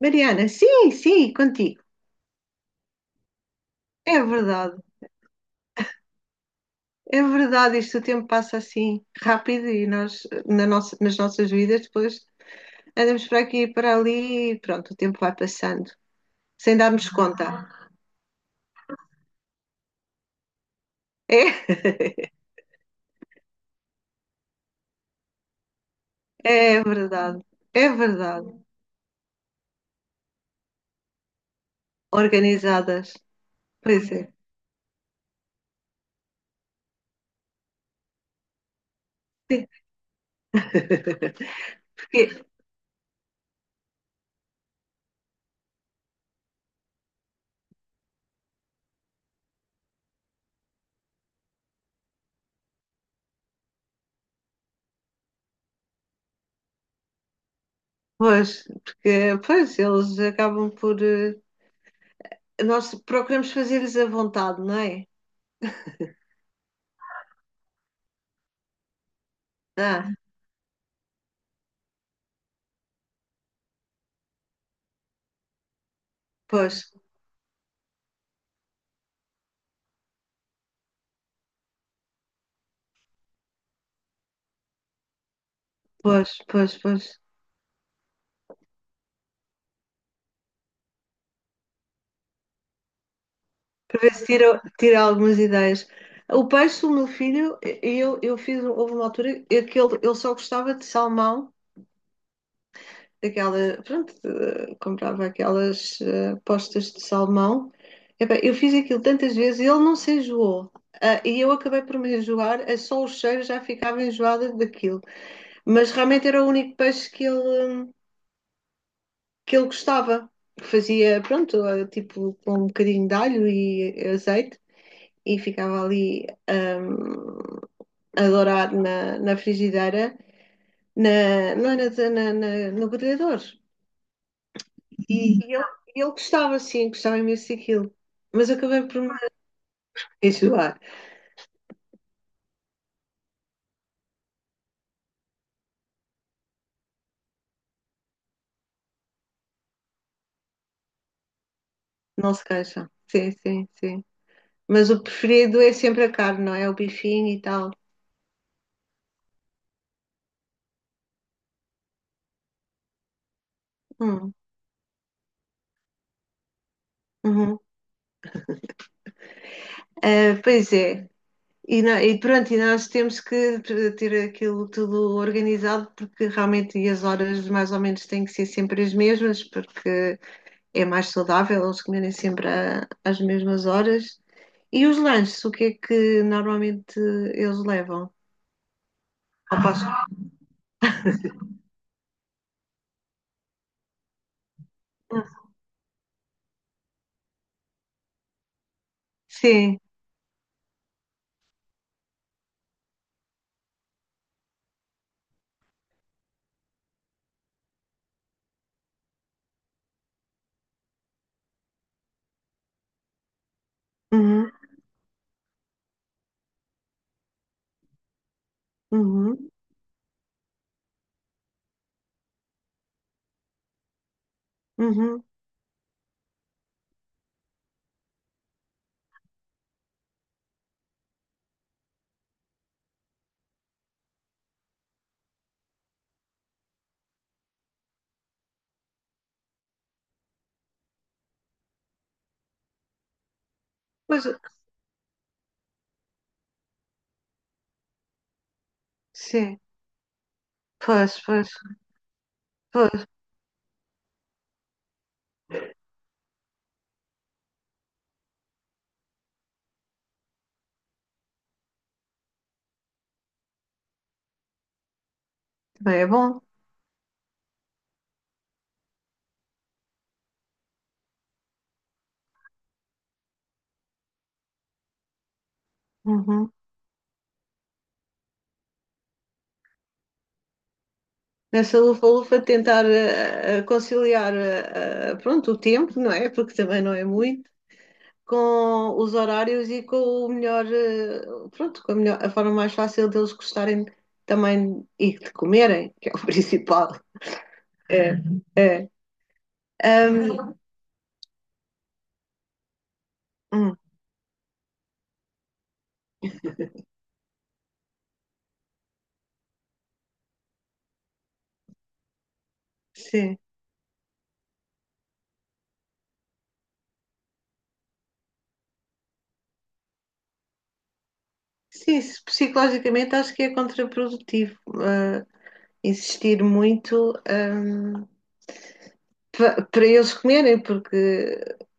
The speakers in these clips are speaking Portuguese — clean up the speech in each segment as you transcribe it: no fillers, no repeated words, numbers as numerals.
Mariana, sim, sim, contigo. É verdade, é verdade. Isto o tempo passa assim rápido e nós, nas nossas vidas, depois andamos para aqui e para ali e pronto, o tempo vai passando, sem darmos conta. É, é verdade, é verdade. Organizadas, pois é. Sim. Porque, porque, pois, eles acabam por. Eh, Nós procuramos fazer-lhes a vontade, não é? Ah, pois, pois, pois, pois. Para ver se tira algumas ideias. O peixe, o meu filho, eu fiz, houve uma altura em que ele só gostava de salmão, daquela, pronto, comprava aquelas postas de salmão. Epá, eu fiz aquilo tantas vezes e ele não se enjoou. Ah, e eu acabei por me enjoar, só o cheiro já ficava enjoada daquilo. Mas realmente era o único peixe que ele gostava. Fazia, pronto, tipo com um bocadinho de alho e azeite. E ficava ali a dourar na frigideira, não era no grelhador. E ele gostava, sim, gostava imenso daquilo. Mas eu acabei por me enjoar, não se queixa. Sim, sim, sim. Mas o preferido é sempre a carne, não é? O bifinho e tal. Hum, uhum. Ah, pois é. E pronto, e nós temos que ter aquilo tudo organizado, porque realmente e as horas mais ou menos têm que ser sempre as mesmas, porque é mais saudável eles comerem sempre às mesmas horas. E os lanches, o que é que normalmente eles levam? Ao passo- Hum, Sim. Uhum, uhum, uhum. Pois, sim. Pois, pois, pois. Também é bom. Uhum. Nessa lufa-lufa tentar conciliar pronto, o tempo, não é? Porque também não é muito. Com os horários e com o melhor, pronto, com a melhor, a forma mais fácil deles gostarem também e de comerem, que é o principal. É, é. Ahm, hum, sim, sim, psicologicamente acho que é contraprodutivo, ah, insistir muito, para eles comerem, porque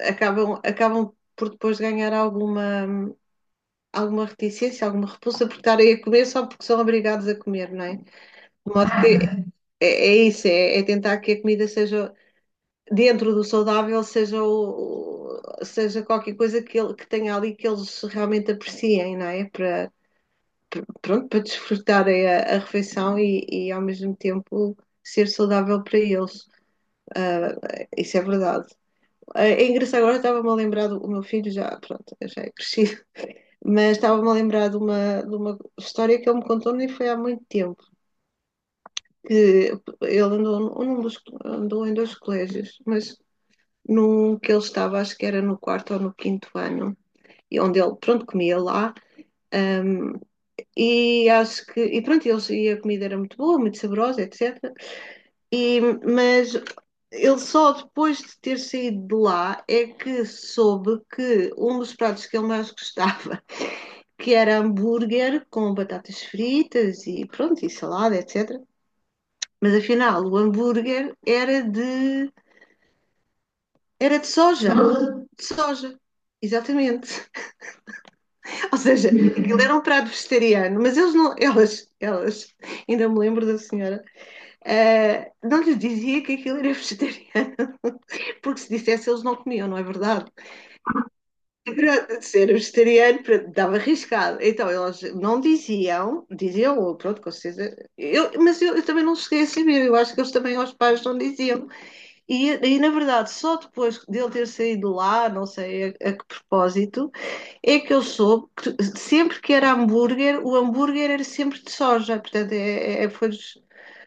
acabam por depois ganhar alguma reticência, alguma repulsa por estarem a comer só porque são obrigados a comer, não é? De modo que é isso, é tentar que a comida seja, dentro do saudável, seja, seja qualquer coisa que, que tenha ali que eles realmente apreciem, não é? Para, pronto, para desfrutarem a refeição e ao mesmo tempo ser saudável para eles. Ah, isso é verdade. Ah, é engraçado, agora estava-me a lembrar do o meu filho, já, pronto, já é crescido, mas estava-me a lembrar de uma história que ele me contou nem foi há muito tempo que ele andou, andou em dois colégios, mas num que ele estava, acho que era no quarto ou no quinto ano, e onde ele, pronto, comia lá, e acho que, e pronto, eles, e a comida era muito boa, muito saborosa, etc. E, mas ele só depois de ter saído de lá é que soube que um dos pratos que ele mais gostava, que era hambúrguer com batatas fritas e pronto, e salada, etc. Mas afinal, o hambúrguer era de soja, de soja, exatamente. Ou seja, aquilo era um prato vegetariano, mas eles não, elas, ainda me lembro da senhora, não lhes dizia que aquilo era vegetariano, porque se dissesse eles não comiam, não é verdade? Para ser vegetariano, pronto, dava arriscado. Então elas não diziam, ou pronto, com certeza, mas eu também não cheguei a saber, eu acho que eles também aos pais não diziam. E na verdade, só depois dele ter saído lá, não sei a que propósito, é que eu soube que sempre que era hambúrguer, o hambúrguer era sempre de soja, portanto, foi dos,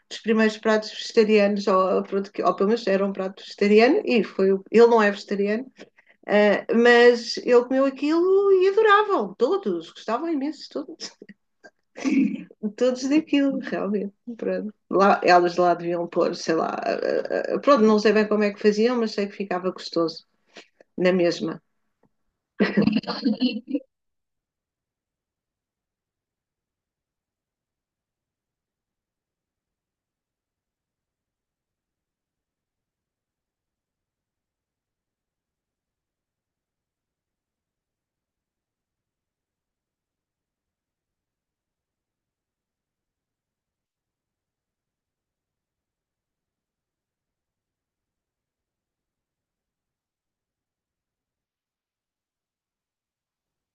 dos primeiros pratos vegetarianos, ou, pronto, que, ou pelo menos era um prato vegetariano, e foi, ele não é vegetariano, mas ele comeu aquilo e adoravam, todos, gostavam imenso, todos, daquilo, realmente, pronto. Lá, elas lá deviam pôr, sei lá, pronto, não sei bem como é que faziam, mas sei que ficava gostoso, na mesma.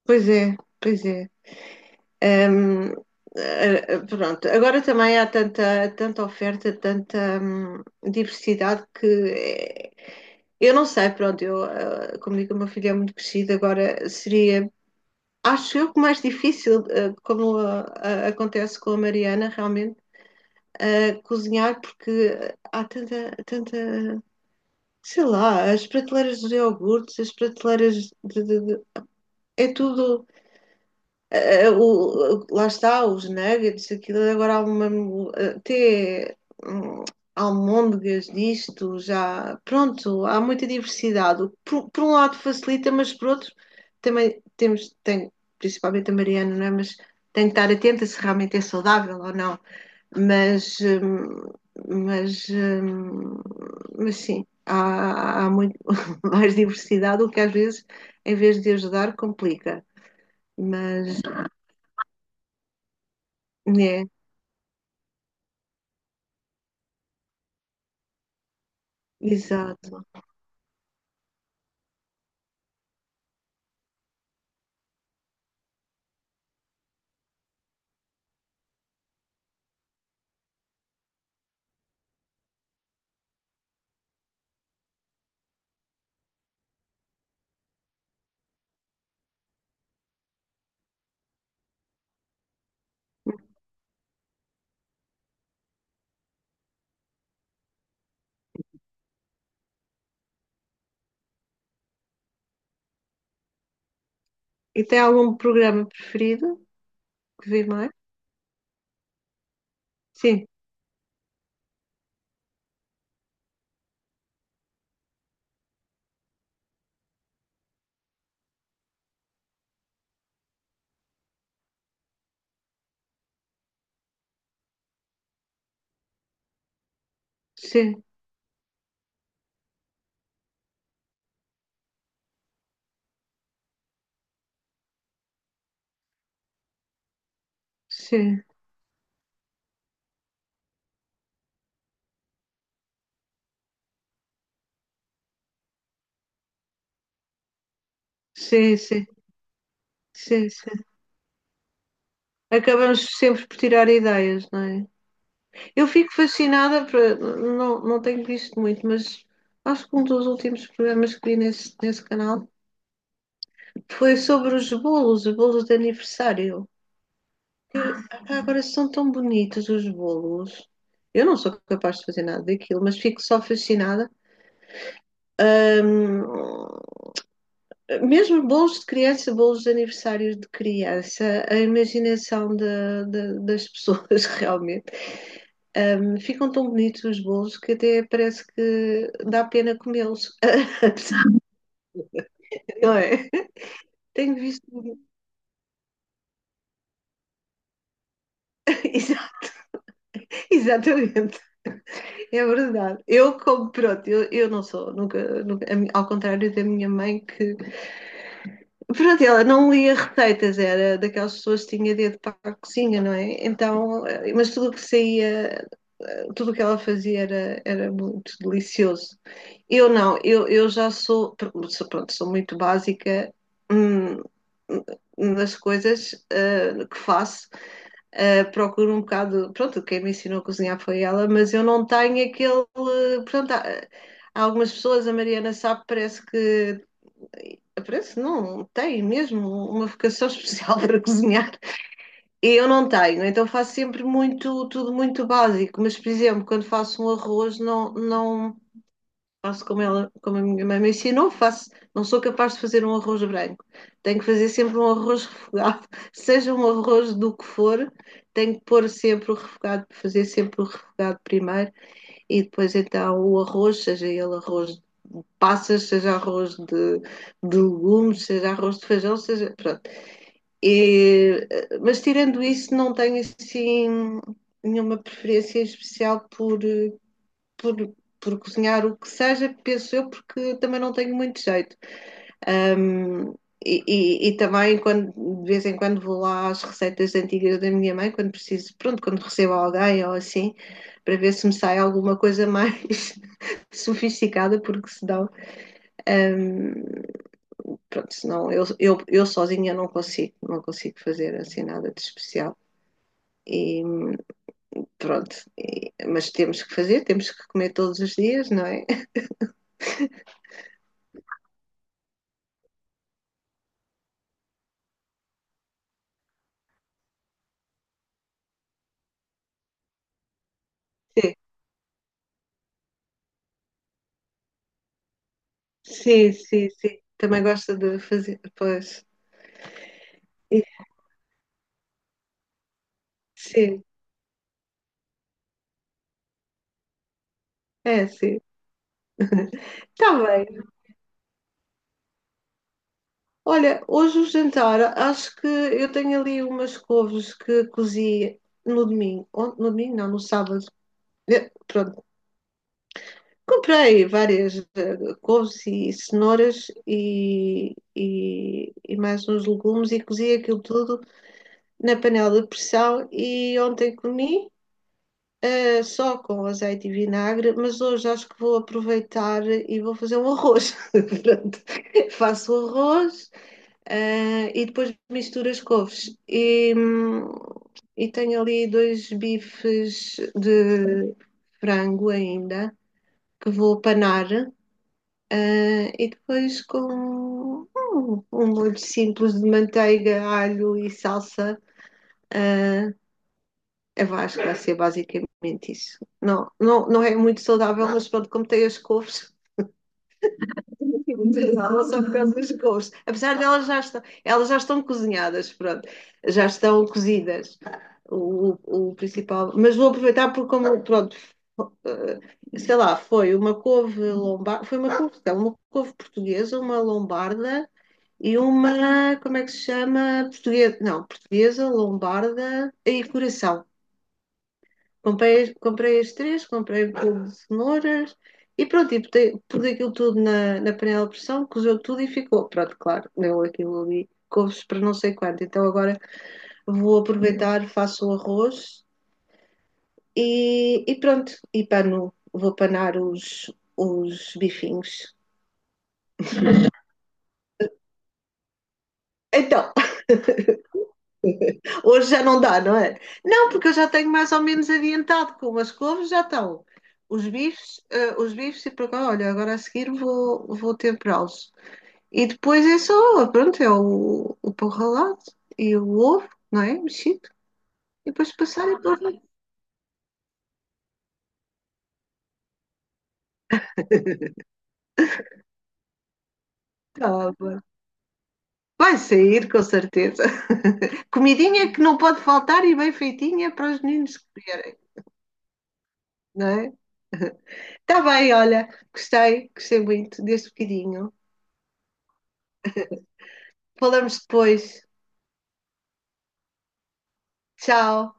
Pois é, pois é. Hum, pronto, agora também há tanta oferta, tanta diversidade que eu não sei, pronto, eu, como digo, o meu filho é muito crescido, agora seria, acho eu que mais difícil, como acontece com a Mariana, realmente, cozinhar, porque há tanta, sei lá, as prateleiras dos iogurtes, as prateleiras de, de- de- é tudo lá está, os nuggets, aquilo é agora há uma, até hum, almôndegas disto, já, pronto, há muita diversidade. Por um lado facilita, mas por outro também tem, principalmente a Mariana, não é? Mas tem que estar atenta se realmente é saudável ou não. Mas, hum, mas, hum, mas sim, há muito mais diversidade, o que às vezes, em vez de ajudar, complica. Mas, né, exato. E tem algum programa preferido que vê mais? Sim, sim, sim, sim, sim, sim, sim. Acabamos sempre por tirar ideias, não é? Eu fico fascinada, não, não tenho visto muito, mas acho que um dos últimos programas que vi nesse canal foi sobre os bolos de aniversário. Ah, agora são tão bonitos os bolos. Eu não sou capaz de fazer nada daquilo, mas fico só fascinada. Ahm, mesmo bolos de criança, bolos de aniversário de criança, a imaginação das pessoas realmente. Ficam tão bonitos os bolos que até parece que dá pena comê-los. Não é? Tenho visto. Exatamente, é verdade. Eu como, pronto, eu não sou, nunca, ao contrário da minha mãe que pronto, ela não lia receitas, era daquelas pessoas que tinha dedo para a cozinha, não é? Então, mas tudo o que saía, tudo o que ela fazia era muito delicioso. Eu não, eu já sou, pronto, sou muito básica hum, nas coisas que faço. Procuro um bocado, pronto, quem me ensinou a cozinhar foi ela, mas eu não tenho aquele, pronto, há algumas pessoas, a Mariana sabe, parece que não tem mesmo uma vocação especial para cozinhar. Eu não tenho, então faço sempre muito, tudo muito básico, mas por exemplo, quando faço um arroz, não, não faço como ela, como a minha mãe me ensinou, não sou capaz de fazer um arroz branco. Tenho que fazer sempre um arroz refogado, seja um arroz do que for, tenho que pôr sempre o refogado, fazer sempre o refogado primeiro e depois então o arroz, seja ele arroz passas, seja arroz de legumes, seja arroz de feijão, seja. Pronto. E, mas tirando isso, não tenho assim nenhuma preferência especial por, por cozinhar o que seja, penso eu, porque também não tenho muito jeito. Um, também quando de vez em quando vou lá às receitas antigas da minha mãe, quando preciso, pronto, quando recebo alguém ou assim, para ver se me sai alguma coisa mais sofisticada, porque se dão um, pronto, senão eu sozinha não consigo fazer assim nada de especial. E pronto, mas temos que fazer, temos que comer todos os dias, não é? Sim, sim, sim. Sim. Também gosta de fazer, pois. E- Sim, é, sim. Está bem. Olha, hoje o jantar, acho que eu tenho ali umas couves que cozi no domingo. No domingo, não, no sábado. Pronto, comprei várias couves e cenouras e mais uns legumes e cozi aquilo tudo na panela de pressão e ontem comi só com azeite e vinagre, mas hoje acho que vou aproveitar e vou fazer um arroz. Pronto. Faço o arroz e depois misturo as couves. E tenho ali dois bifes de frango ainda que vou panar e depois com um molho simples de manteiga, alho e salsa, eu acho que vai ser basicamente isso. Não, não, não é muito saudável, mas pronto, como tem as couves, não só por causa das couves. Apesar de elas já estão cozinhadas, pronto, já estão cozidas, o principal. Mas vou aproveitar porque como, pronto, sei lá, foi uma couve lombarda, foi uma couve, não, uma couve portuguesa, uma lombarda e uma, como é que se chama? Portuguesa, não, portuguesa, lombarda e coração. Comprei as três, comprei um pouco de cenouras e pronto, e pus aquilo tudo na panela de pressão, cozeu tudo e ficou. Pronto, claro, deu aquilo ali, couves para não sei quanto. Então agora vou aproveitar, faço o arroz e pronto, e pano, vou panar os bifinhos. Então, hoje já não dá, não é? Não, porque eu já tenho mais ou menos adiantado com as couves, já estão. Os bifes, os bifes e para cá, olha, agora a seguir vou temperá-los. E depois é só, pronto, é o pão ralado e o ovo, não é? Mexido. E depois passar e pôr na tábua. Vai sair, com certeza. Comidinha que não pode faltar e bem feitinha para os meninos comerem, não é? Está bem, olha, gostei muito deste bocadinho. Falamos depois. Tchau.